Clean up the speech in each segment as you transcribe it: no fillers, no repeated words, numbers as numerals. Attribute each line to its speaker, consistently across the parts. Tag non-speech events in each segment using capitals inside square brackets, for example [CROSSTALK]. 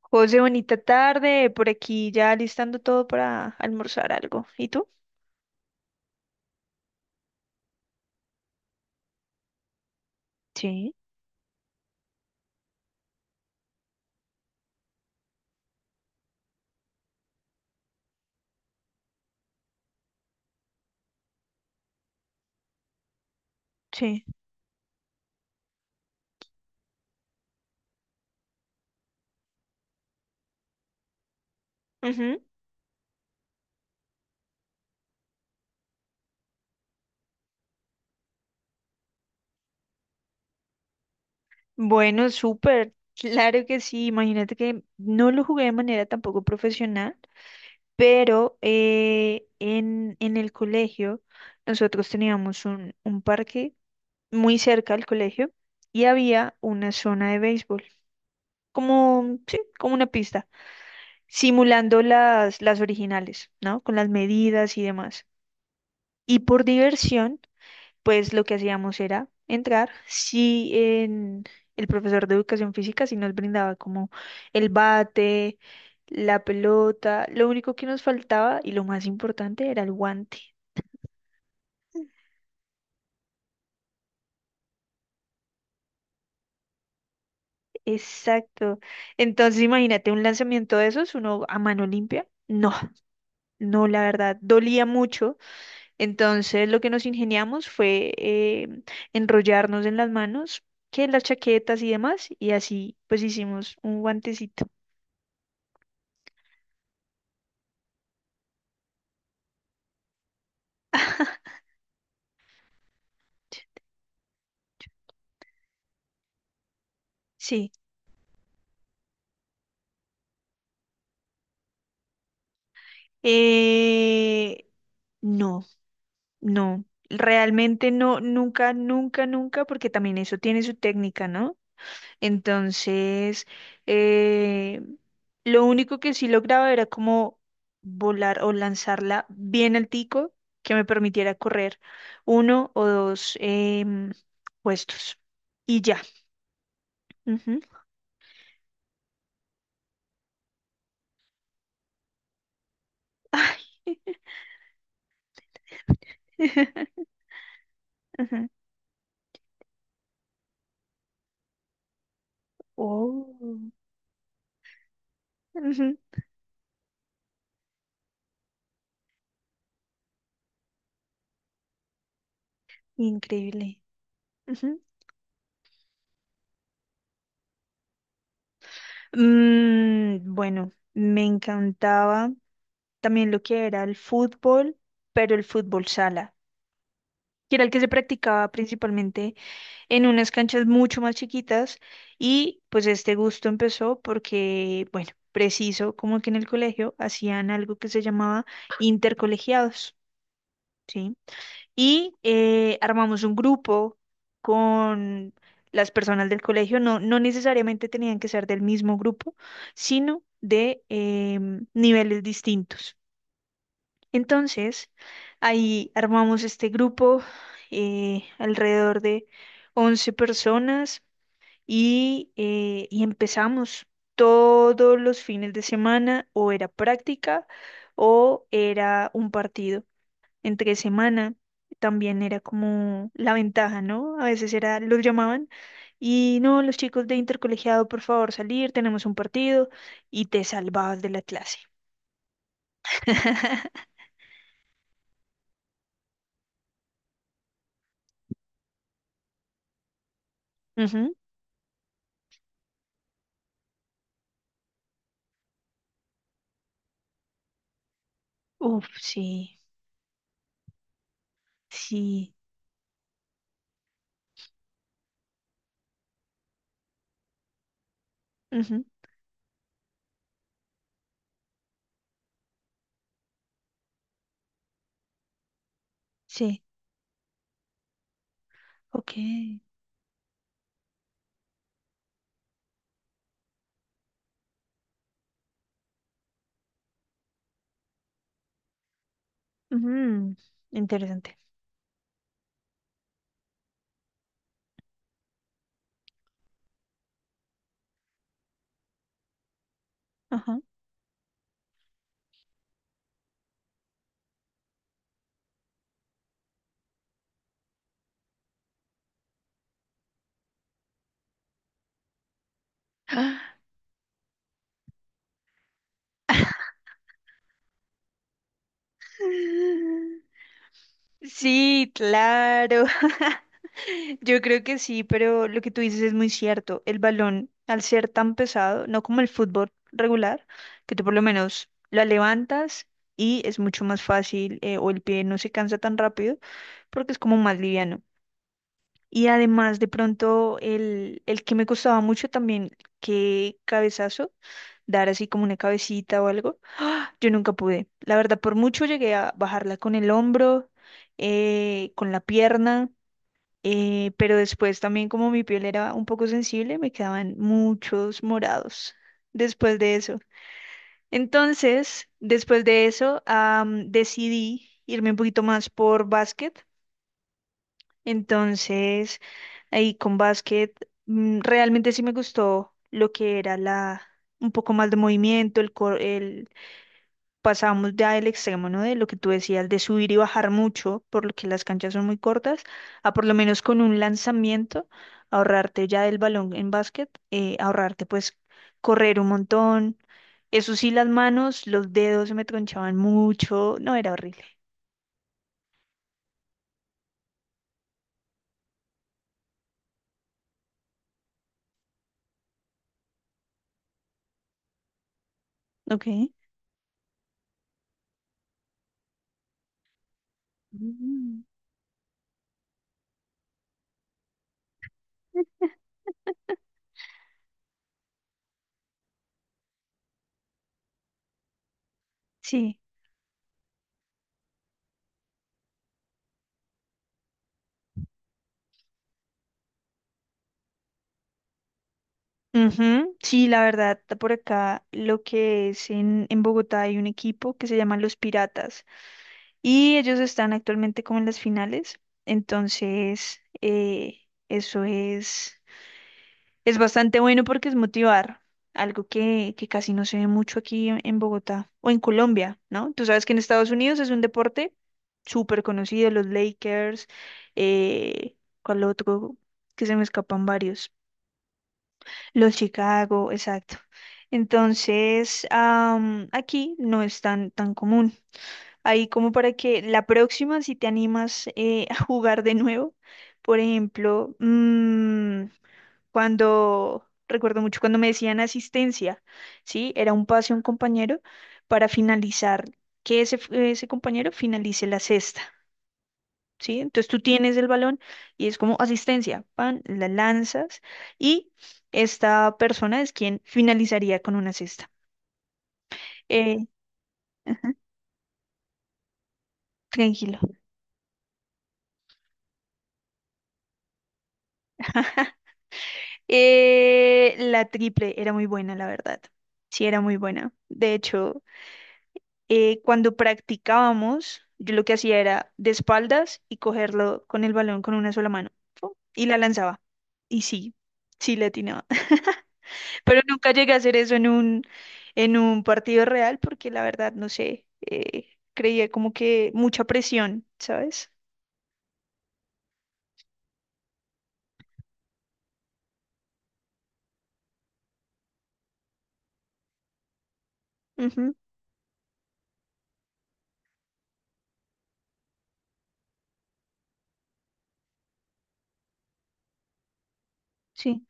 Speaker 1: José, bonita tarde. Por aquí ya listando todo para almorzar algo. ¿Y tú? Sí, sí. Ujú. Bueno, súper. Claro que sí. Imagínate que no lo jugué de manera tampoco profesional, pero en el colegio nosotros teníamos un parque muy cerca al colegio y había una zona de béisbol, como, sí, como una pista, simulando las originales, ¿no? Con las medidas y demás. Y por diversión pues lo que hacíamos era entrar, si en el profesor de educación física sí nos brindaba como el bate, la pelota, lo único que nos faltaba y lo más importante era el guante. Exacto. Entonces imagínate un lanzamiento de esos, uno a mano limpia. No, no, la verdad, dolía mucho. Entonces lo que nos ingeniamos fue enrollarnos en las manos, que en las chaquetas y demás, y así pues hicimos un guantecito. Sí. Eh, no, no, realmente no, nunca, nunca, nunca, porque también eso tiene su técnica, ¿no? Entonces, eh, lo único que sí lograba era como volar o lanzarla bien altico que me permitiera correr uno o dos em, puestos y ya. Ujú. Ay. [LAUGHS] Ujú. Oh. Ujú. Increíble. Ujú. Bueno, me encantaba también lo que era el fútbol, pero el fútbol sala, que era el que se practicaba principalmente en unas canchas mucho más chiquitas y pues este gusto empezó porque, bueno, preciso, como que en el colegio hacían algo que se llamaba intercolegiados, ¿sí? Y armamos un grupo con las personas del colegio. No, no necesariamente tenían que ser del mismo grupo, sino de niveles distintos. Entonces, ahí armamos este grupo alrededor de 11 personas y empezamos todos los fines de semana o era práctica o era un partido entre semana. También era como la ventaja, ¿no? A veces era, los llamaban y no, los chicos de intercolegiado, por favor, salir, tenemos un partido y te salvabas de la clase. [LAUGHS] Ujú. Uf, sí, sí, ujú, sí, ok, ujú. Interesante. Ajá. [GASPS] Sí, claro. [LAUGHS] Yo creo que sí, pero lo que tú dices es muy cierto. El balón, al ser tan pesado, no como el fútbol regular, que tú por lo menos la levantas y es mucho más fácil, o el pie no se cansa tan rápido porque es como más liviano. Y además, de pronto, el que me costaba mucho también, que cabezazo, dar así como una cabecita o algo yo nunca pude. La verdad, por mucho llegué a bajarla con el hombro, con la pierna, pero después también como mi piel era un poco sensible, me quedaban muchos morados después de eso. Entonces, después de eso, decidí irme un poquito más por básquet. Entonces, ahí con básquet, realmente sí me gustó lo que era la, un poco más de movimiento, el pasamos ya del extremo, ¿no? De lo que tú decías, de subir y bajar mucho, por lo que las canchas son muy cortas, a por lo menos con un lanzamiento, ahorrarte ya del balón en básquet, ahorrarte pues correr un montón. Eso sí, las manos, los dedos se me tronchaban mucho, no, era horrible. Ok. Mm. Sí. Ujú. Sí, la verdad, por acá lo que es en Bogotá hay un equipo que se llama Los Piratas. Y ellos están actualmente como en las finales, entonces eso es bastante bueno porque es motivar, algo que casi no se ve mucho aquí en Bogotá o en Colombia, ¿no? Tú sabes que en Estados Unidos es un deporte súper conocido, los Lakers, eh, ¿cuál otro? Que se me escapan varios, los Chicago, exacto. Entonces, aquí no es tan, tan común. Ahí como para que la próxima, si te animas a jugar de nuevo, por ejemplo, cuando, recuerdo mucho cuando me decían asistencia, ¿sí? Era un pase a un compañero para finalizar, que ese compañero finalice la cesta. ¿Sí? Entonces tú tienes el balón y es como asistencia, pan, la lanzas y esta persona es quien finalizaría con una cesta. Eh, ajá, tranquilo. La triple era muy buena, la verdad. Sí, era muy buena. De hecho, cuando practicábamos, yo lo que hacía era de espaldas y cogerlo con el balón con una sola mano. ¡Fu! Y la lanzaba. Y sí, sí le atinaba. [LAUGHS] Pero nunca llegué a hacer eso en en un partido real porque la verdad, no sé, creía como que mucha presión, ¿sabes? Ujú, sí,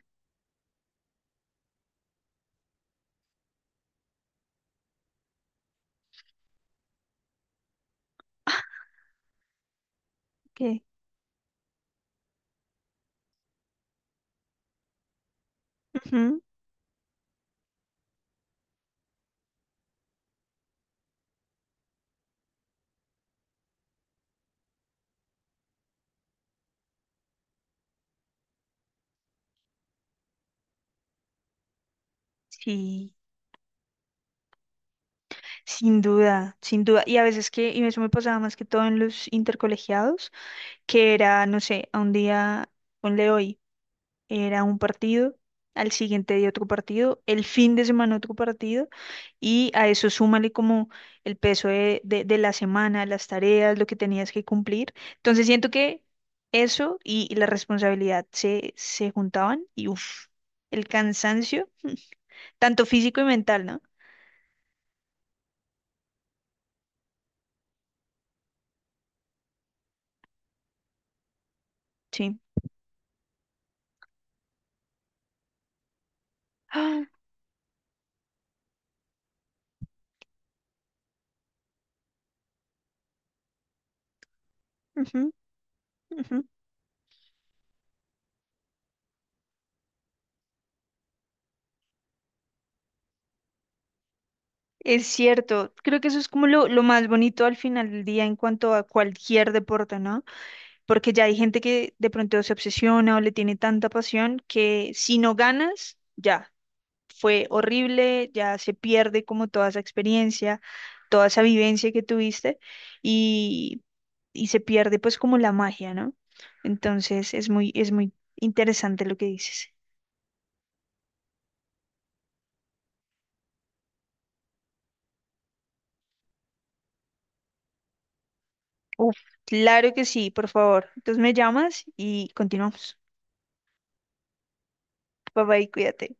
Speaker 1: ok. Ujú, sí. Sin duda, sin duda. Y a veces que, y eso me pasaba más que todo en los intercolegiados, que era, no sé, a un día, ponle hoy, era un partido, al siguiente día otro partido, el fin de semana otro partido, y a eso súmale como el peso de la semana, las tareas, lo que tenías que cumplir. Entonces siento que eso y la responsabilidad se juntaban y uff, el cansancio, [LAUGHS] tanto físico y mental, ¿no? Sí. [GASPS] Ah, ujú, ujú. Es cierto, creo que eso es como lo más bonito al final del día en cuanto a cualquier deporte, ¿no? Porque ya hay gente que de pronto se obsesiona o le tiene tanta pasión que si no ganas, ya, fue horrible, ya se pierde como toda esa experiencia, toda esa vivencia que tuviste y, y se pierde pues como la magia, ¿no? Entonces es muy interesante lo que dices. Uf, claro que sí, por favor. Entonces me llamas y continuamos. Bye bye, cuídate.